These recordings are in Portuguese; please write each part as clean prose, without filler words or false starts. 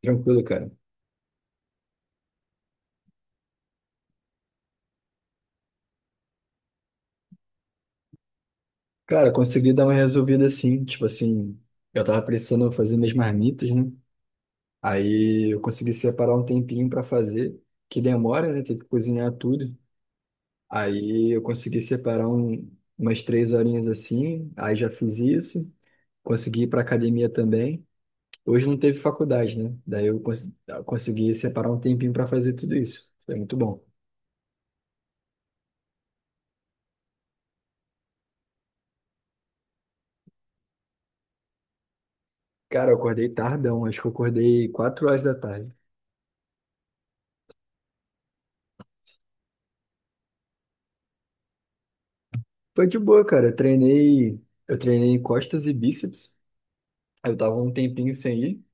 Tranquilo, cara. Cara, consegui dar uma resolvida assim, tipo assim, eu tava precisando fazer minhas marmitas, né? Aí eu consegui separar um tempinho pra fazer, que demora, né? Tem que cozinhar tudo. Aí eu consegui separar umas três horinhas assim, aí já fiz isso, consegui ir pra academia também. Hoje não teve faculdade, né? Daí eu consegui separar um tempinho pra fazer tudo isso. Foi muito bom. Cara, eu acordei tardão, acho que eu acordei 4 horas da tarde. Foi de boa, cara. Eu treinei costas e bíceps. Eu tava um tempinho sem ir,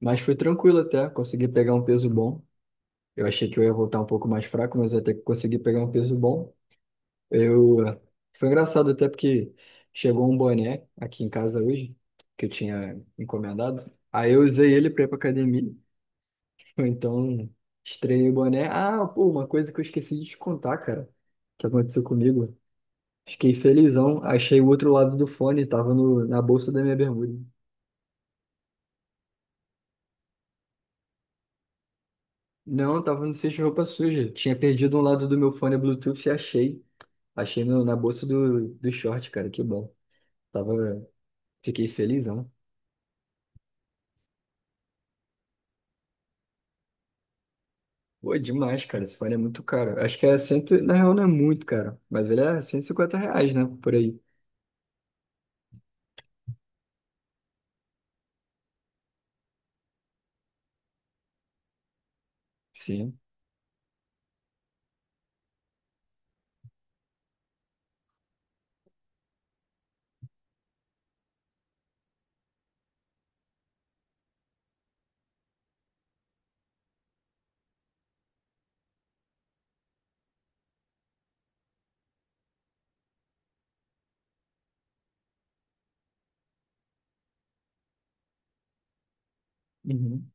mas foi tranquilo até. Consegui pegar um peso bom. Eu achei que eu ia voltar um pouco mais fraco, mas até que consegui pegar um peso bom. Eu foi engraçado até porque chegou um boné aqui em casa hoje que eu tinha encomendado. Aí eu usei ele para ir pra academia. Então, estreiei o boné. Ah, pô, uma coisa que eu esqueci de te contar, cara, que aconteceu comigo. Fiquei felizão. Achei o outro lado do fone, tava no, na bolsa da minha bermuda. Não, tava no cesto de roupa suja. Tinha perdido um lado do meu fone Bluetooth e achei. Achei na bolsa do short, cara, que bom. Tava, fiquei felizão. Pô, demais, cara. Esse fone é muito caro. Acho que é cento, na real não é muito, cara. Mas ele é R$ 150, né? Por aí. Sim. Uhum.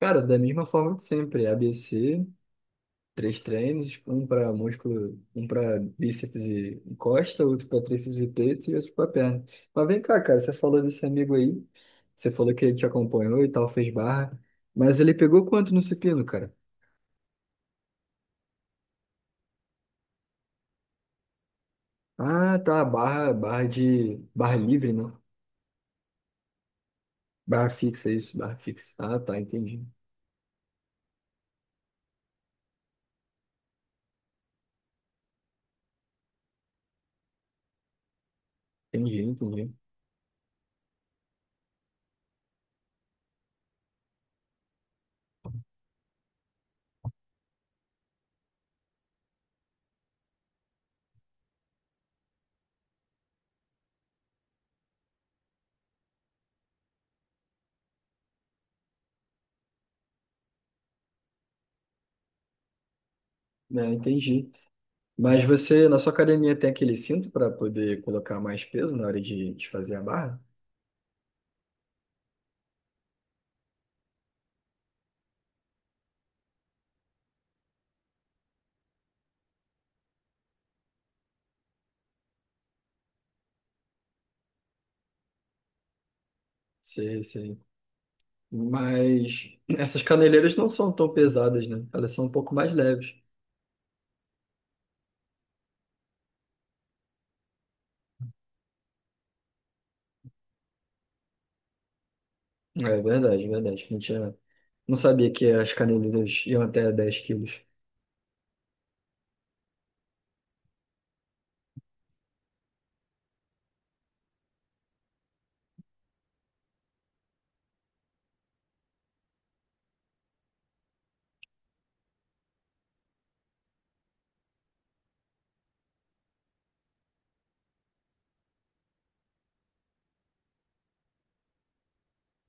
Cara, da mesma forma que sempre. ABC. Três treinos, tipo, um para músculo, um para bíceps e costa, outro para tríceps e peito e outro para perna. Mas vem cá, cara, você falou desse amigo aí, você falou que ele te acompanhou e tal, fez barra, mas ele pegou quanto no supino, cara? Ah, tá, barra livre, né? Barra fixa, isso, barra fixa. Ah, tá, entendi. É, entendi. Mas você, na sua academia, tem aquele cinto para poder colocar mais peso na hora de fazer a barra? Sim, sim. Mas essas caneleiras não são tão pesadas, né? Elas são um pouco mais leves. É verdade, verdade. Não tinha. Não sabia que as caneleiras iam até 10 quilos.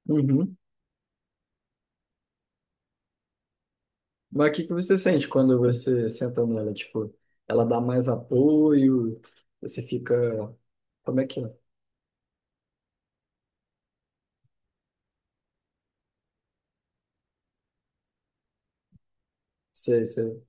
Uhum. Mas o que que você sente quando você senta nela? Tipo, ela dá mais apoio? Você fica. Como é que é? Sei, sei.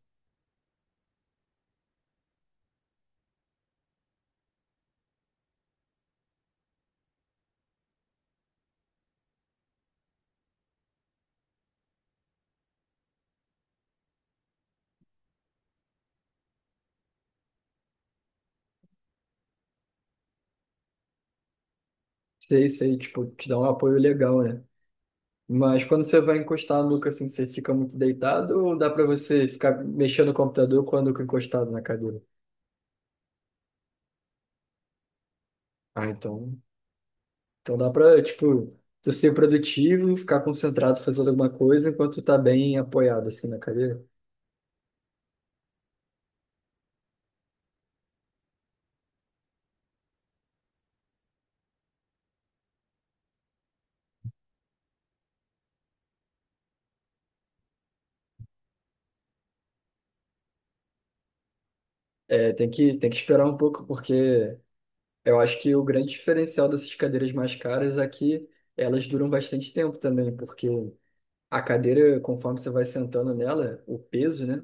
Sei, sei, tipo, te dá um apoio legal, né? Mas quando você vai encostar a nuca assim, você fica muito deitado ou dá pra você ficar mexendo no computador com a nuca encostada na cadeira? Ah, então. Então dá pra, tipo, tu ser produtivo, ficar concentrado fazendo alguma coisa enquanto tu tá bem apoiado, assim, na cadeira. É, tem que esperar um pouco, porque eu acho que o grande diferencial dessas cadeiras mais caras é que elas duram bastante tempo também, porque a cadeira, conforme você vai sentando nela, o peso, né,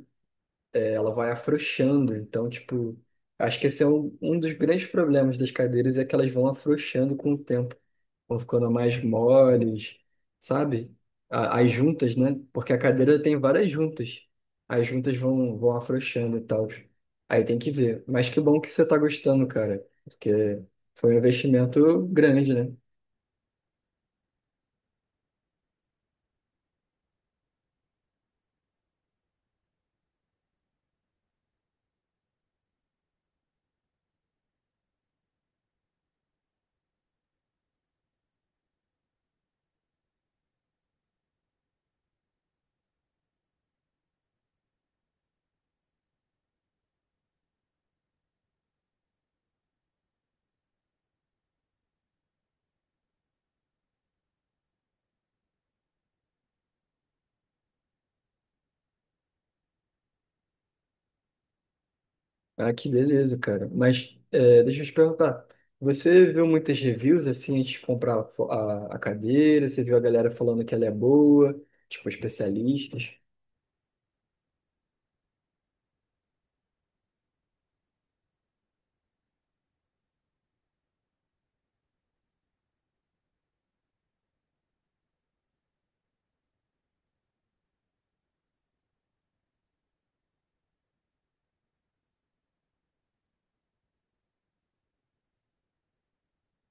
é, ela vai afrouxando. Então, tipo, acho que esse é um dos grandes problemas das cadeiras, é que elas vão afrouxando com o tempo. Vão ficando mais moles, sabe? A- As juntas, né? Porque a cadeira tem várias juntas. As juntas vão, vão afrouxando e tal. Aí tem que ver. Mas que bom que você tá gostando, cara, porque foi um investimento grande, né? Ah, que beleza, cara. Mas é, deixa eu te perguntar. Você viu muitas reviews assim antes de comprar a cadeira? Você viu a galera falando que ela é boa? Tipo, especialistas?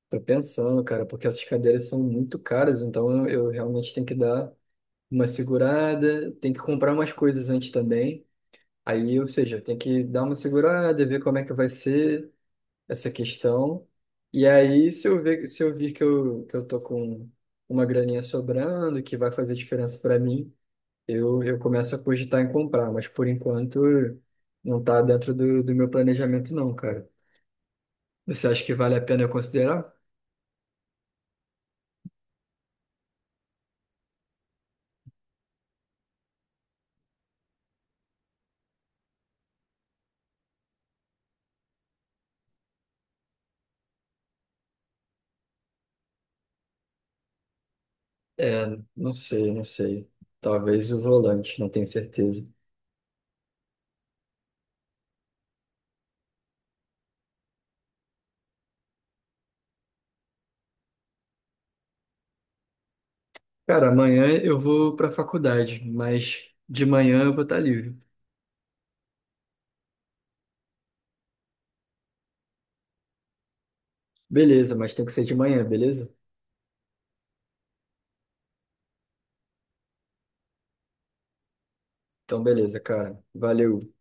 Tô pensando, cara, porque essas cadeiras são muito caras, então eu realmente tenho que dar uma segurada, tenho que comprar umas coisas antes também. Aí, ou seja, eu tenho que dar uma segurada, ver como é que vai ser essa questão. E aí, se eu ver, se eu vir que eu tô com uma graninha sobrando, que vai fazer diferença para mim, eu começo a cogitar em comprar, mas por enquanto não tá dentro do meu planejamento, não, cara. Você acha que vale a pena eu considerar? É, não sei, não sei. Talvez o volante, não tenho certeza. Cara, amanhã eu vou pra faculdade, mas de manhã eu vou estar livre. Beleza, mas tem que ser de manhã, beleza? Então, beleza, cara. Valeu.